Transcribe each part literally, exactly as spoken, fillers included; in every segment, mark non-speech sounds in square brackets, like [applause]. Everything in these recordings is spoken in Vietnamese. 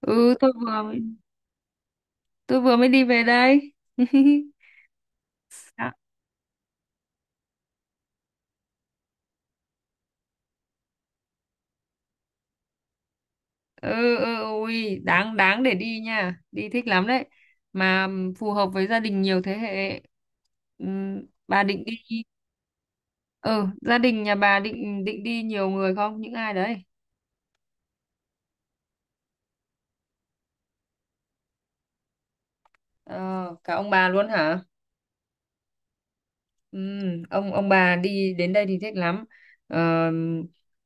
ừ tôi vừa tôi vừa mới đi về đây [laughs] Đã- ừ ừ ui, đáng đáng để đi nha, đi thích lắm đấy, mà phù hợp với gia đình nhiều thế hệ. Ừm, bà định đi? ừ Gia đình nhà bà định định đi nhiều người không, những ai đấy? ờ, Cả ông bà luôn hả? Ừm, ông ông bà đi đến đây thì thích lắm. Ờ,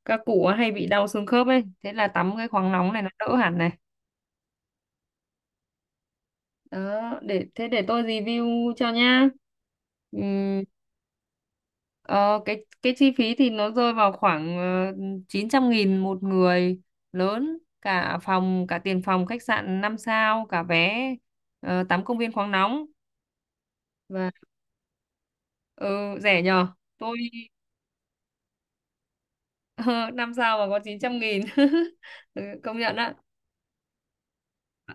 các cụ hay bị đau xương khớp ấy, thế là tắm cái khoáng nóng này nó đỡ hẳn này. Đó, để thế để tôi review cho nhá. Ừm, ờ, cái cái chi phí thì nó rơi vào khoảng, ờ, chín trăm nghìn một người lớn, cả phòng, cả tiền phòng khách sạn năm sao, cả vé ờ, tắm công viên khoáng nóng và... ừ, Rẻ nhờ. tôi [laughs] Năm sao mà có chín trăm nghìn. [laughs] Ừ, công nhận ạ. à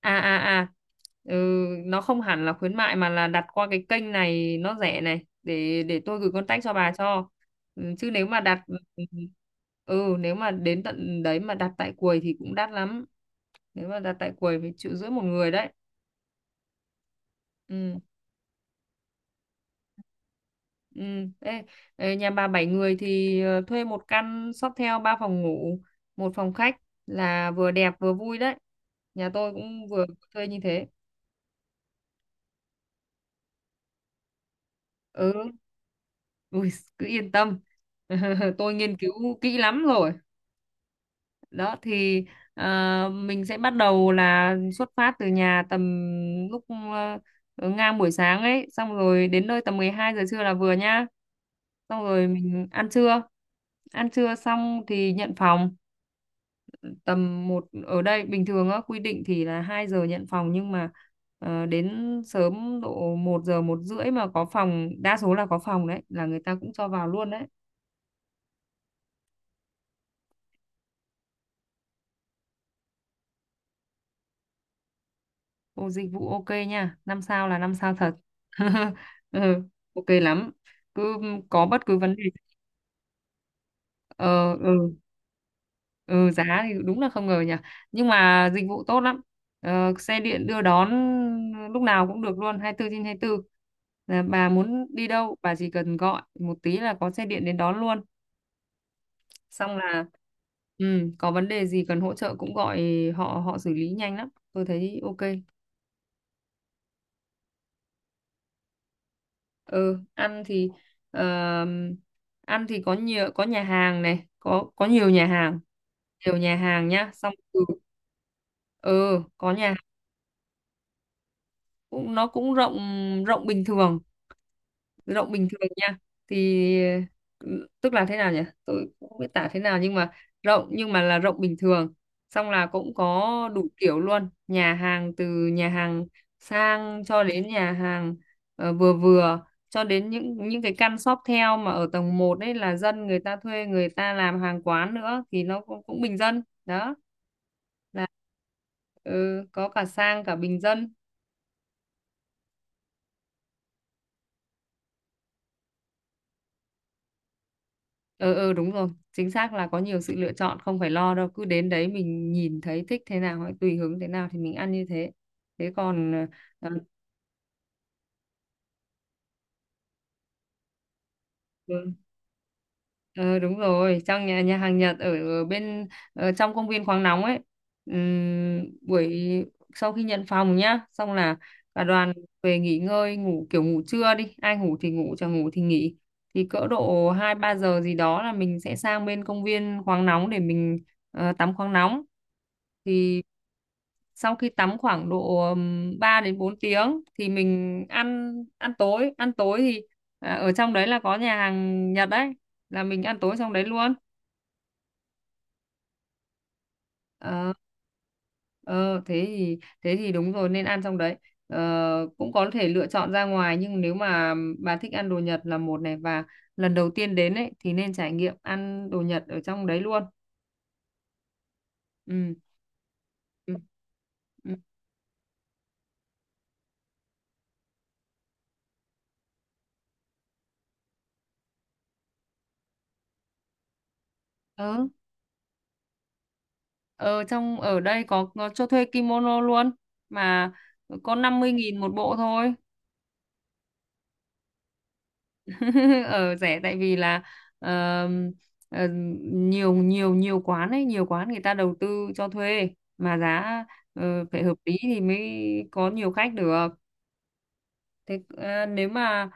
à à ừ, nó không hẳn là khuyến mại mà là đặt qua cái kênh này nó rẻ này, để để tôi gửi contact cho bà cho ừ, Chứ nếu mà đặt... ừ Nếu mà đến tận đấy mà đặt tại quầy thì cũng đắt lắm, nếu mà đặt tại quầy phải triệu rưỡi một người đấy. Ừ ừ Ê, ê, nhà bà bảy người thì ờ, thuê một căn Sofitel ba phòng ngủ một phòng khách là vừa đẹp vừa vui đấy. Nhà tôi cũng vừa thuê như thế. Ừ Ui, cứ yên tâm. [laughs] Tôi nghiên cứu kỹ lắm rồi. Đó thì à, mình sẽ bắt đầu là xuất phát từ nhà tầm lúc ờ, ngang buổi sáng ấy, xong rồi đến nơi tầm mười hai giờ trưa là vừa nhá. Xong rồi mình ăn trưa. Ăn trưa xong thì nhận phòng tầm một, ở đây bình thường á quy định thì là hai giờ nhận phòng, nhưng mà ờ, đến sớm độ một giờ một rưỡi mà có phòng, đa số là có phòng đấy là người ta cũng cho vào luôn đấy. Ô, dịch vụ ok nha, năm sao là năm sao thật. [laughs] Ừ, ok lắm. Cứ có bất cứ vấn đề... ờ ừ, ừ Giá thì đúng là không ngờ nhỉ. Nhưng mà dịch vụ tốt lắm. Ờ, xe điện đưa đón lúc nào cũng được luôn, hai tư trên hai bốn. Là bà muốn đi đâu, bà chỉ cần gọi một tí là có xe điện đến đón luôn. Xong là, ừ, có vấn đề gì cần hỗ trợ cũng gọi, họ họ xử lý nhanh lắm. Tôi thấy ok. ừ ăn thì ờm, ăn thì có nhiều, có nhà hàng này, có có nhiều nhà hàng, nhiều nhà hàng nhá, xong từ... ừ có nhà hàng. Cũng nó cũng rộng, rộng bình thường. Tự động bình thường nha, thì ừ, tức là thế nào nhỉ, tôi cũng không biết tả thế nào, nhưng mà rộng, nhưng mà là rộng bình thường. Xong là cũng có đủ kiểu luôn, nhà hàng từ nhà hàng sang cho đến nhà hàng ờ, vừa vừa, cho đến những những cái căn shop theo mà ở tầng một đấy là dân người ta thuê, người ta làm hàng quán nữa thì nó cũng, cũng bình dân đó, là ừ, có cả sang cả bình dân. Ừ ừ đúng rồi, chính xác là có nhiều sự lựa chọn, không phải lo đâu, cứ đến đấy mình nhìn thấy thích thế nào hay tùy hứng thế nào thì mình ăn như thế. Thế còn, ờ, ờ, ờ, đúng rồi, trong nhà nhà hàng Nhật, ở, ở bên ở trong công viên khoáng nóng ấy. Ừm, buổi Sau khi nhận phòng nhá, xong là cả đoàn về nghỉ ngơi, ngủ kiểu ngủ trưa đi, ai ngủ thì ngủ chẳng ngủ thì nghỉ. Thì cỡ độ hai ba giờ gì đó là mình sẽ sang bên công viên khoáng nóng để mình ờ, tắm khoáng nóng. Thì sau khi tắm khoảng độ ừm, ba đến bốn tiếng thì mình ăn ăn tối. Ăn tối thì à, ở trong đấy là có nhà hàng Nhật đấy, là mình ăn tối trong đấy luôn. Ờ, Ờ, thế thì thế thì đúng rồi, nên ăn trong đấy. Ờ, cũng có thể lựa chọn ra ngoài, nhưng nếu mà bà thích ăn đồ Nhật là một này, và lần đầu tiên đến ấy thì nên trải nghiệm ăn đồ Nhật ở trong đấy luôn. Ừ. Ừ. Ừ. Ở trong ở đây có, có cho thuê kimono luôn, mà có năm mươi nghìn một bộ thôi. [laughs] Ở rẻ tại vì là ờ, ờ, nhiều nhiều nhiều quán ấy, nhiều quán người ta đầu tư cho thuê mà giá ờ, phải hợp lý thì mới có nhiều khách được. Thế ờ, nếu mà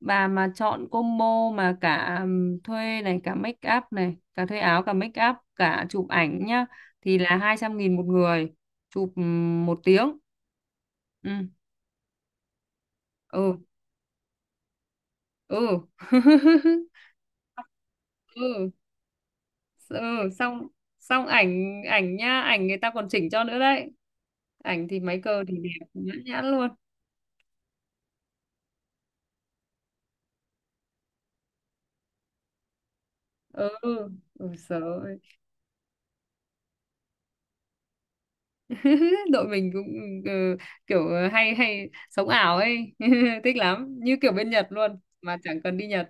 bà mà chọn combo mà cả ừm, thuê này, cả make up này, cả thuê áo cả make up cả chụp ảnh nhá, thì là hai trăm nghìn một người, chụp ừm, một tiếng. Ừ ừ ừ [laughs] ừ ừ xong Xong ảnh, ảnh nha, ảnh người ta còn chỉnh cho nữa đấy, ảnh thì máy cơ thì đẹp nhã nhãn luôn. Ừ ừ sợ. [laughs] Đội mình cũng ừ, kiểu ờ, hay hay sống ảo ấy. [laughs] Thích lắm, như kiểu bên Nhật luôn mà chẳng cần đi Nhật.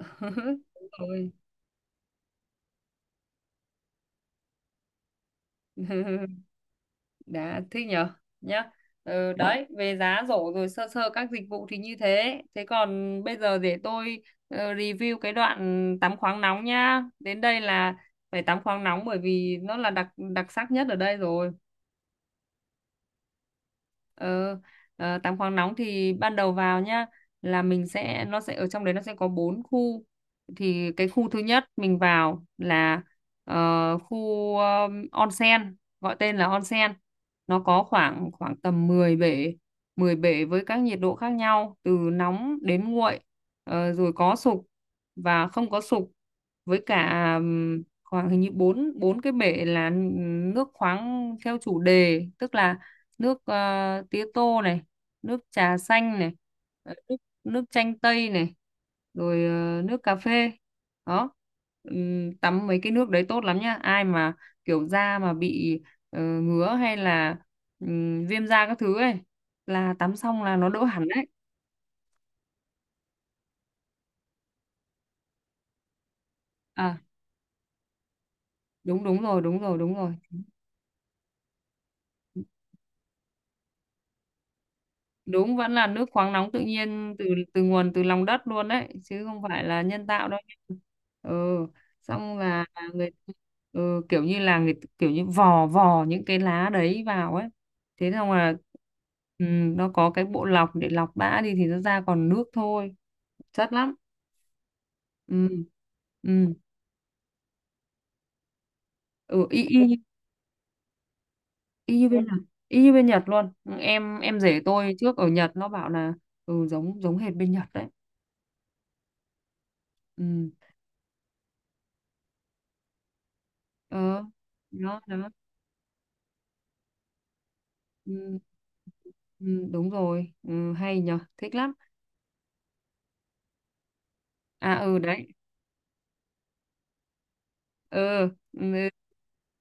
[laughs] Đúng rồi. [laughs] Đã thích nhở, nhá. Ừ, đấy, về giá rổ rồi sơ sơ các dịch vụ thì như thế. Thế còn bây giờ để tôi ờ, review cái đoạn tắm khoáng nóng nhá. Đến đây là phải tắm khoáng nóng, bởi vì nó là đặc đặc sắc nhất ở đây rồi. Ờ, ờ, Tắm khoáng nóng thì ban đầu vào nhá, là mình sẽ nó sẽ ở trong đấy, nó sẽ có bốn khu. Thì cái khu thứ nhất mình vào là ờ, khu um, onsen, gọi tên là onsen. Nó có khoảng khoảng tầm mười bể, mười bể với các nhiệt độ khác nhau từ nóng đến nguội. Ờ, rồi có sục và không có sục, với cả ừm, khoảng hình như bốn bốn cái bể là nước khoáng theo chủ đề, tức là nước ờ, tía tô này, nước trà xanh này, ờ, nước nước chanh tây này, rồi ờ, nước cà phê đó. Ừm, tắm mấy cái nước đấy tốt lắm nhá, ai mà kiểu da mà bị ờ, ngứa hay là ừm, viêm da các thứ ấy là tắm xong là nó đỡ hẳn đấy. À đúng Đúng rồi, đúng rồi, đúng rồi, đúng vẫn là nước khoáng nóng tự nhiên, từ từ nguồn, từ lòng đất luôn đấy chứ không phải là nhân tạo đâu nha. ừ xong là người ừ, Kiểu như là người kiểu như vò vò những cái lá đấy vào ấy, thế xong là, ừ, nó có cái bộ lọc để lọc bã đi thì nó ra còn nước thôi, chất lắm. ừ ừ, ừ y, y, như- Y như bên Nhật, y như bên Nhật luôn. Ừ, em em rể tôi trước ở Nhật nó bảo là ừ giống giống hệt bên Nhật đấy. ừ ờ Đó, đó. Ừ, ừ, đúng rồi, ừ, hay nhở, thích lắm. À ừ, đấy, ừ, ừ,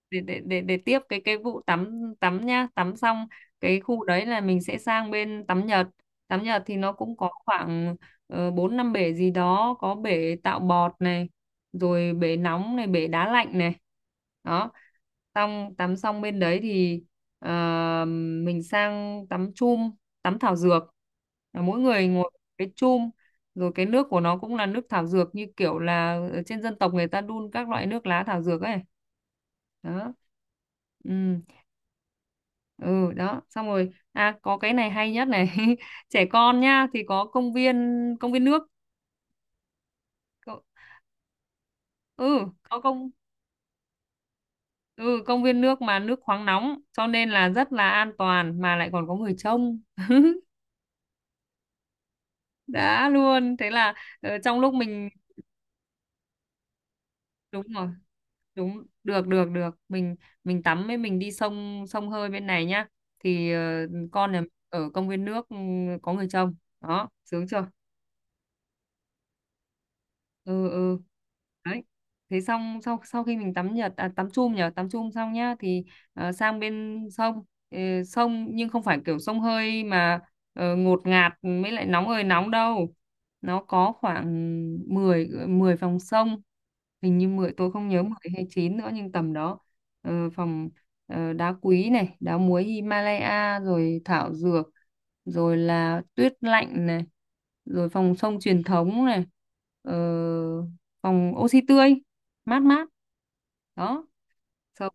để, để để để tiếp cái cái vụ tắm, tắm nhá. Tắm xong cái khu đấy là mình sẽ sang bên tắm Nhật. Tắm Nhật thì nó cũng có khoảng ờ, bốn năm bể gì đó, có bể tạo bọt này, rồi bể nóng này, bể đá lạnh này đó. Xong tắm xong bên đấy thì ờ, mình sang tắm chum, tắm thảo dược. Là mỗi người ngồi cái chum, rồi cái nước của nó cũng là nước thảo dược, như kiểu là ở trên dân tộc người ta đun các loại nước lá thảo dược ấy đó. Ừ ừ đó, xong rồi, à có cái này hay nhất này. [laughs] Trẻ con nhá thì có công viên công viên nước. Có- ừ có công ừ công viên nước mà nước khoáng nóng, cho nên là rất là an toàn mà lại còn có người trông. [laughs] Đã luôn, thế là ờ, trong lúc mình, đúng rồi, đúng, được được được, mình mình tắm với mình đi sông sông hơi bên này nhá, thì ờ, con nhà ở công viên nước ừ, có người trông. Đó, sướng chưa? Ừ ừ Đấy, thế xong sau sau khi mình tắm nhật, à, tắm chum nhở, tắm chum xong nhá thì ờ, sang bên sông. Ờ, Sông nhưng không phải kiểu sông hơi mà ờ, ngột ngạt mới lại nóng ơi nóng đâu. Nó có khoảng mười mười phòng sông, hình như mười, tôi không nhớ mười hay chín nữa, nhưng tầm đó. Ờ, phòng ờ, đá quý này, đá muối Himalaya rồi thảo dược, rồi là tuyết lạnh này, rồi phòng sông truyền thống này, ờ, phòng oxy tươi, mát mát đó. sống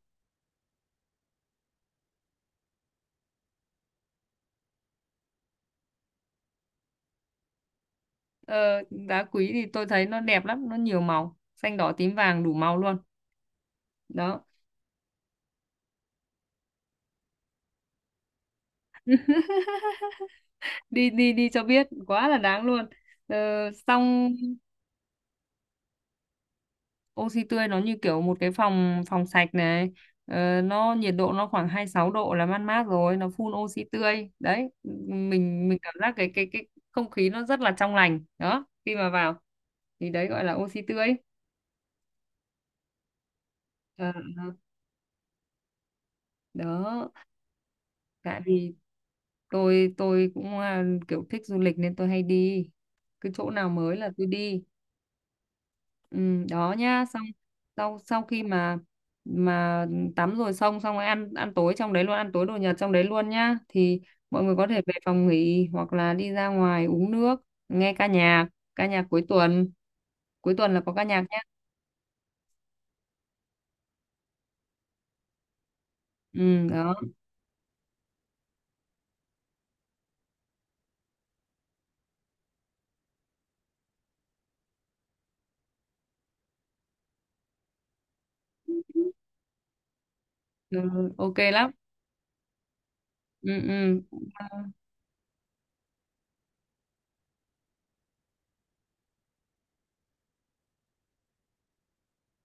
ờ, Đá quý thì tôi thấy nó đẹp lắm, nó nhiều màu xanh đỏ tím vàng đủ màu luôn đó. Đi đi đi cho biết, quá là đáng luôn. ờ, Xong oxy tươi nó như kiểu một cái phòng phòng sạch này, ờ, nó nhiệt độ nó khoảng hai mươi sáu độ là mát mát rồi, nó phun oxy tươi đấy, mình mình cảm giác cái cái cái không khí nó rất là trong lành đó, khi mà vào thì đấy gọi là oxy tươi. Ờ, ờ, Đó, tại vì tôi tôi cũng à, kiểu thích du lịch nên tôi hay đi, cứ chỗ nào mới là tôi đi. Ừ, đó nhá, xong sau sau khi mà mà tắm rồi xong, xong rồi ăn ăn tối trong đấy luôn, ăn tối đồ Nhật trong đấy luôn nhá, thì mọi người có thể về phòng nghỉ hoặc là đi ra ngoài uống nước, nghe ca nhạc, ca nhạc cuối tuần, cuối tuần là có ca nhạc nhá. Ừ đó, ừ, ok lắm. Ừ ừ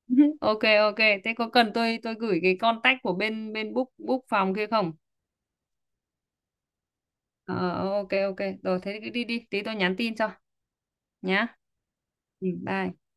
[laughs] Ok, ok, thế có cần tôi tôi gửi cái contact của bên bên book book phòng kia không? ờ ok, ok, rồi thế cứ đi đi, tí tôi nhắn tin cho nhá. Ừ, bye.